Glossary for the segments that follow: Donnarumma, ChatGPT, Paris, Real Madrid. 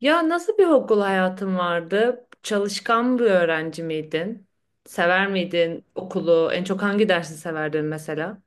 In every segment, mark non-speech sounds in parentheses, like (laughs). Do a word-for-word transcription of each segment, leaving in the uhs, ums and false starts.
Ya nasıl bir okul hayatın vardı? Çalışkan bir öğrenci miydin? Sever miydin okulu? En çok hangi dersi severdin mesela?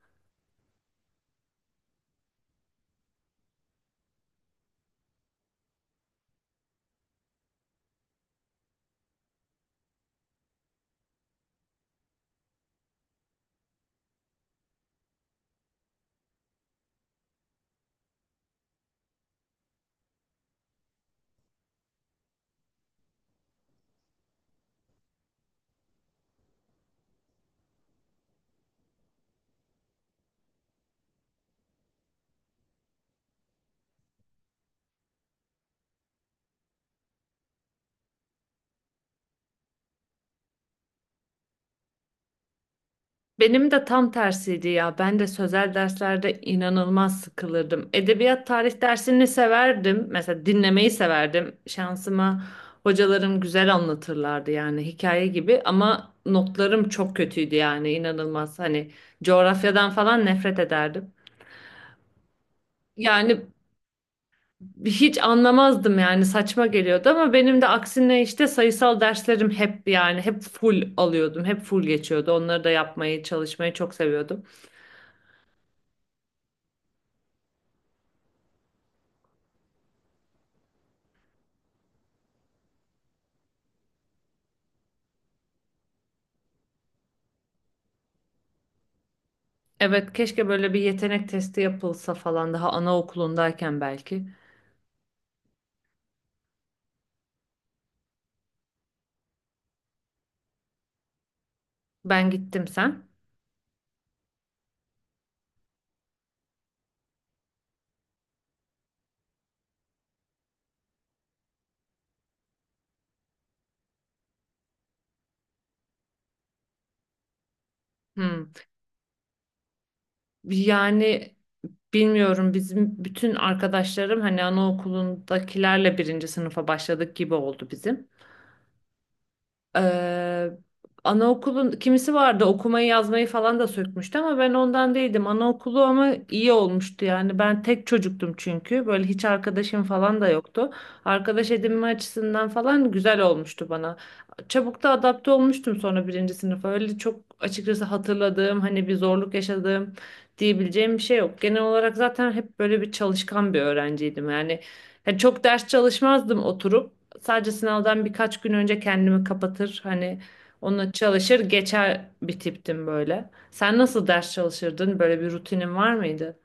Benim de tam tersiydi ya. Ben de sözel derslerde inanılmaz sıkılırdım. Edebiyat tarih dersini severdim. Mesela dinlemeyi severdim. Şansıma hocalarım güzel anlatırlardı yani hikaye gibi ama notlarım çok kötüydü yani inanılmaz. Hani coğrafyadan falan nefret ederdim. Yani hiç anlamazdım yani saçma geliyordu ama benim de aksine işte sayısal derslerim hep yani hep full alıyordum. Hep full geçiyordu. Onları da yapmayı, çalışmayı çok seviyordum. Evet, keşke böyle bir yetenek testi yapılsa falan daha anaokulundayken belki. Ben gittim sen. Hmm. Yani bilmiyorum bizim bütün arkadaşlarım hani anaokulundakilerle birinci sınıfa başladık gibi oldu bizim. Ee, anaokulun kimisi vardı okumayı yazmayı falan da sökmüştü ama ben ondan değildim. Anaokulu ama iyi olmuştu yani. Ben tek çocuktum çünkü. Böyle hiç arkadaşım falan da yoktu. Arkadaş edinme açısından falan güzel olmuştu bana. Çabuk da adapte olmuştum sonra birinci sınıfa. Öyle çok açıkçası hatırladığım hani bir zorluk yaşadığım diyebileceğim bir şey yok. Genel olarak zaten hep böyle bir çalışkan bir öğrenciydim. Yani, yani çok ders çalışmazdım oturup. Sadece sınavdan birkaç gün önce kendimi kapatır hani onu çalışır geçer bir tiptim böyle. Sen nasıl ders çalışırdın? Böyle bir rutinin var mıydı?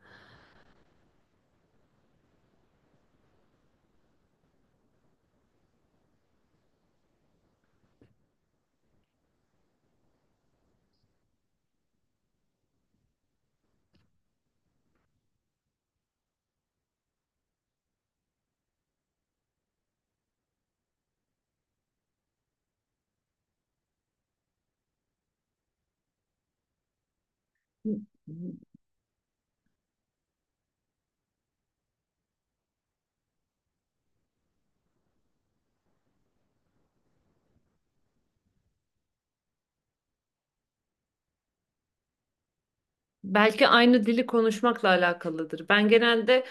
Belki aynı dili konuşmakla alakalıdır. Ben genelde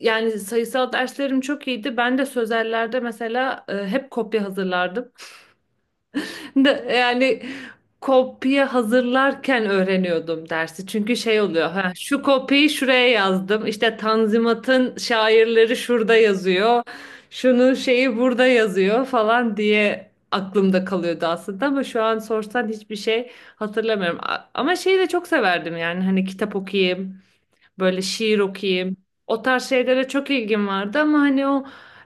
yani sayısal derslerim çok iyiydi. Ben de sözellerde mesela e, hep kopya hazırlardım. De- Yani kopya hazırlarken öğreniyordum dersi. Çünkü şey oluyor. Ha, şu kopyayı şuraya yazdım. İşte Tanzimat'ın şairleri şurada yazıyor. Şunun şeyi burada yazıyor falan diye aklımda kalıyordu aslında ama şu an sorsan hiçbir şey hatırlamıyorum. A- Ama şeyi de çok severdim yani hani kitap okuyayım. Böyle şiir okuyayım. O tarz şeylere çok ilgim vardı ama hani o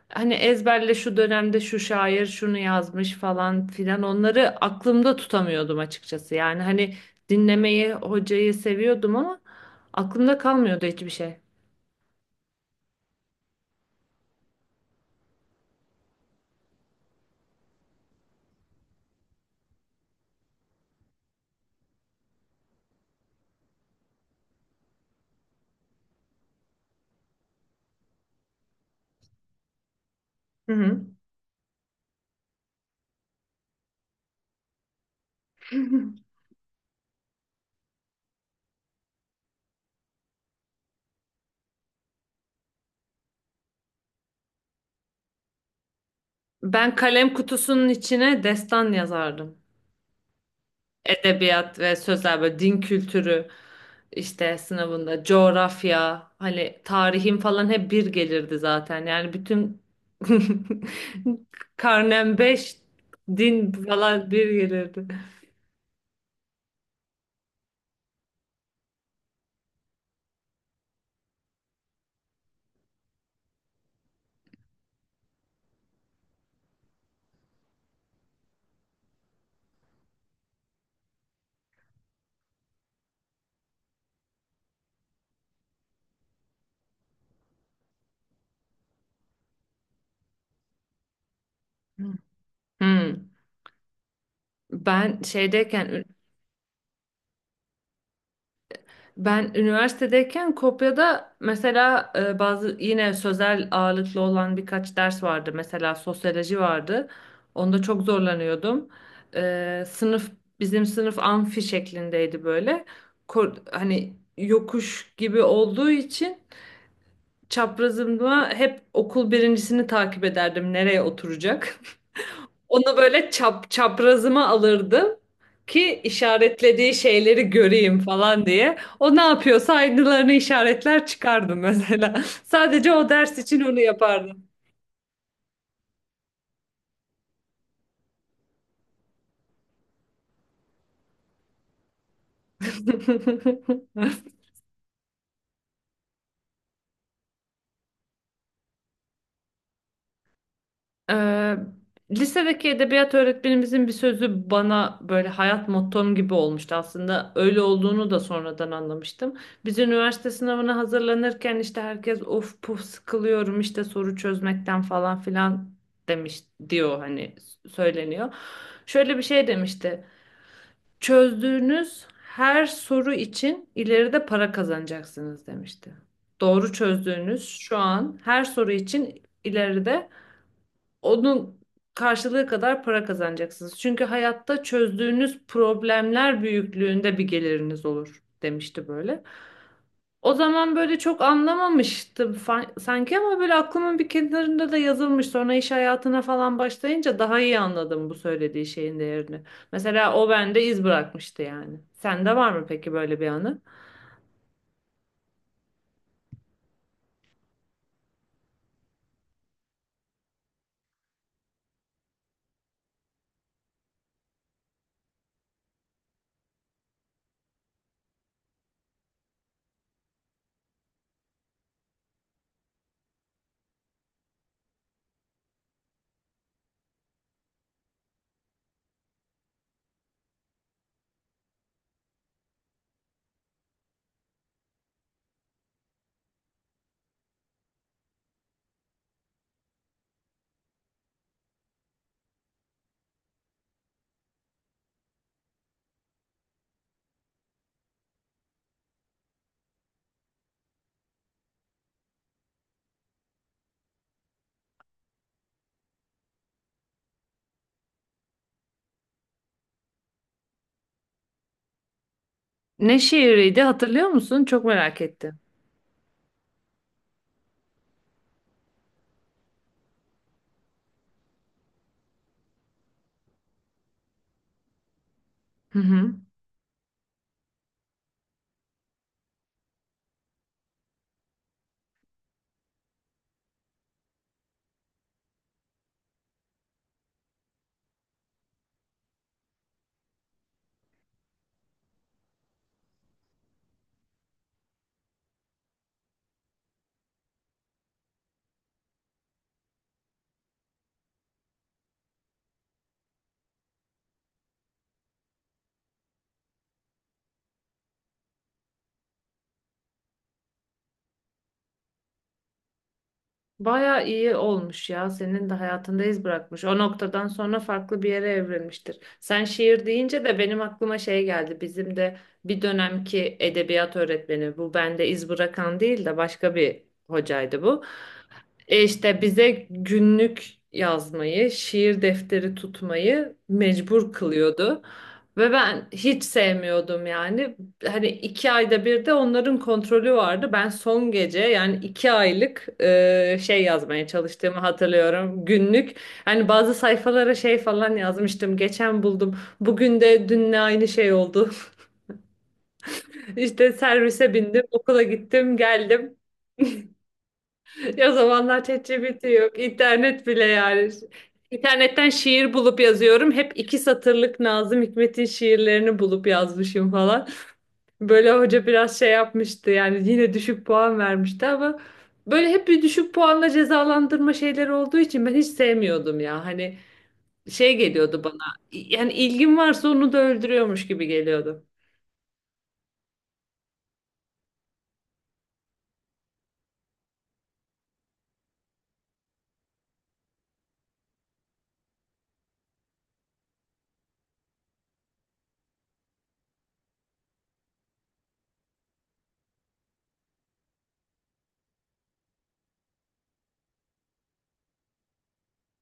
hani ezberle şu dönemde şu şair şunu yazmış falan filan onları aklımda tutamıyordum açıkçası. Yani hani dinlemeyi, hocayı seviyordum ama aklımda kalmıyordu hiçbir şey. Hı hı. Ben kalem kutusunun içine destan yazardım. Edebiyat ve sözler böyle din kültürü işte sınavında coğrafya hani tarihim falan hep bir gelirdi zaten. Yani bütün (laughs) karnem beş din falan bir gelirdi. Hmm. Ben şeydeyken Ben üniversitedeyken Kopya'da mesela e, bazı yine sözel ağırlıklı olan birkaç ders vardı. Mesela sosyoloji vardı. Onda çok zorlanıyordum. E, sınıf bizim sınıf amfi şeklindeydi böyle. Ko- hani yokuş gibi olduğu için çaprazımda hep okul birincisini takip ederdim nereye oturacak. Onu böyle çap, çaprazıma alırdım ki işaretlediği şeyleri göreyim falan diye. O ne yapıyorsa aynılarını işaretler çıkardım mesela. (laughs) Sadece o ders için onu yapardım. (laughs) Ee, lisedeki edebiyat öğretmenimizin bir sözü bana böyle hayat mottom gibi olmuştu aslında. Öyle olduğunu da sonradan anlamıştım. Biz üniversite sınavına hazırlanırken işte herkes of puf sıkılıyorum işte soru çözmekten falan filan demiş diyor hani söyleniyor. Şöyle bir şey demişti. Çözdüğünüz her soru için ileride para kazanacaksınız demişti. Doğru çözdüğünüz şu an her soru için ileride onun karşılığı kadar para kazanacaksınız. Çünkü hayatta çözdüğünüz problemler büyüklüğünde bir geliriniz olur demişti böyle. O zaman böyle çok anlamamıştım fa- sanki ama böyle aklımın bir kenarında da yazılmış. Sonra iş hayatına falan başlayınca daha iyi anladım bu söylediği şeyin değerini. Mesela o bende iz bırakmıştı yani. Sende var mı peki böyle bir anı? Ne şiiriydi hatırlıyor musun? Çok merak ettim. Hı hı. Baya iyi olmuş ya. Senin de hayatında iz bırakmış. O noktadan sonra farklı bir yere evrilmiştir. Sen şiir deyince de benim aklıma şey geldi. Bizim de bir dönemki edebiyat öğretmeni bu bende iz bırakan değil de başka bir hocaydı bu. E işte bize günlük yazmayı, şiir defteri tutmayı mecbur kılıyordu. Ve ben hiç sevmiyordum yani hani iki ayda bir de onların kontrolü vardı. Ben son gece yani iki aylık e, şey yazmaya çalıştığımı hatırlıyorum. Günlük. Hani bazı sayfalara şey falan yazmıştım. Geçen buldum. Bugün de dünle aynı şey oldu. (laughs) İşte servise bindim, okula gittim, geldim. (laughs) O zamanlar ChatGPT yok, internet bile yani. İnternetten şiir bulup yazıyorum. Hep iki satırlık Nazım Hikmet'in şiirlerini bulup yazmışım falan. Böyle hoca biraz şey yapmıştı yani yine düşük puan vermişti ama böyle hep bir düşük puanla cezalandırma şeyleri olduğu için ben hiç sevmiyordum ya. Hani şey geliyordu bana yani ilgin varsa onu da öldürüyormuş gibi geliyordu.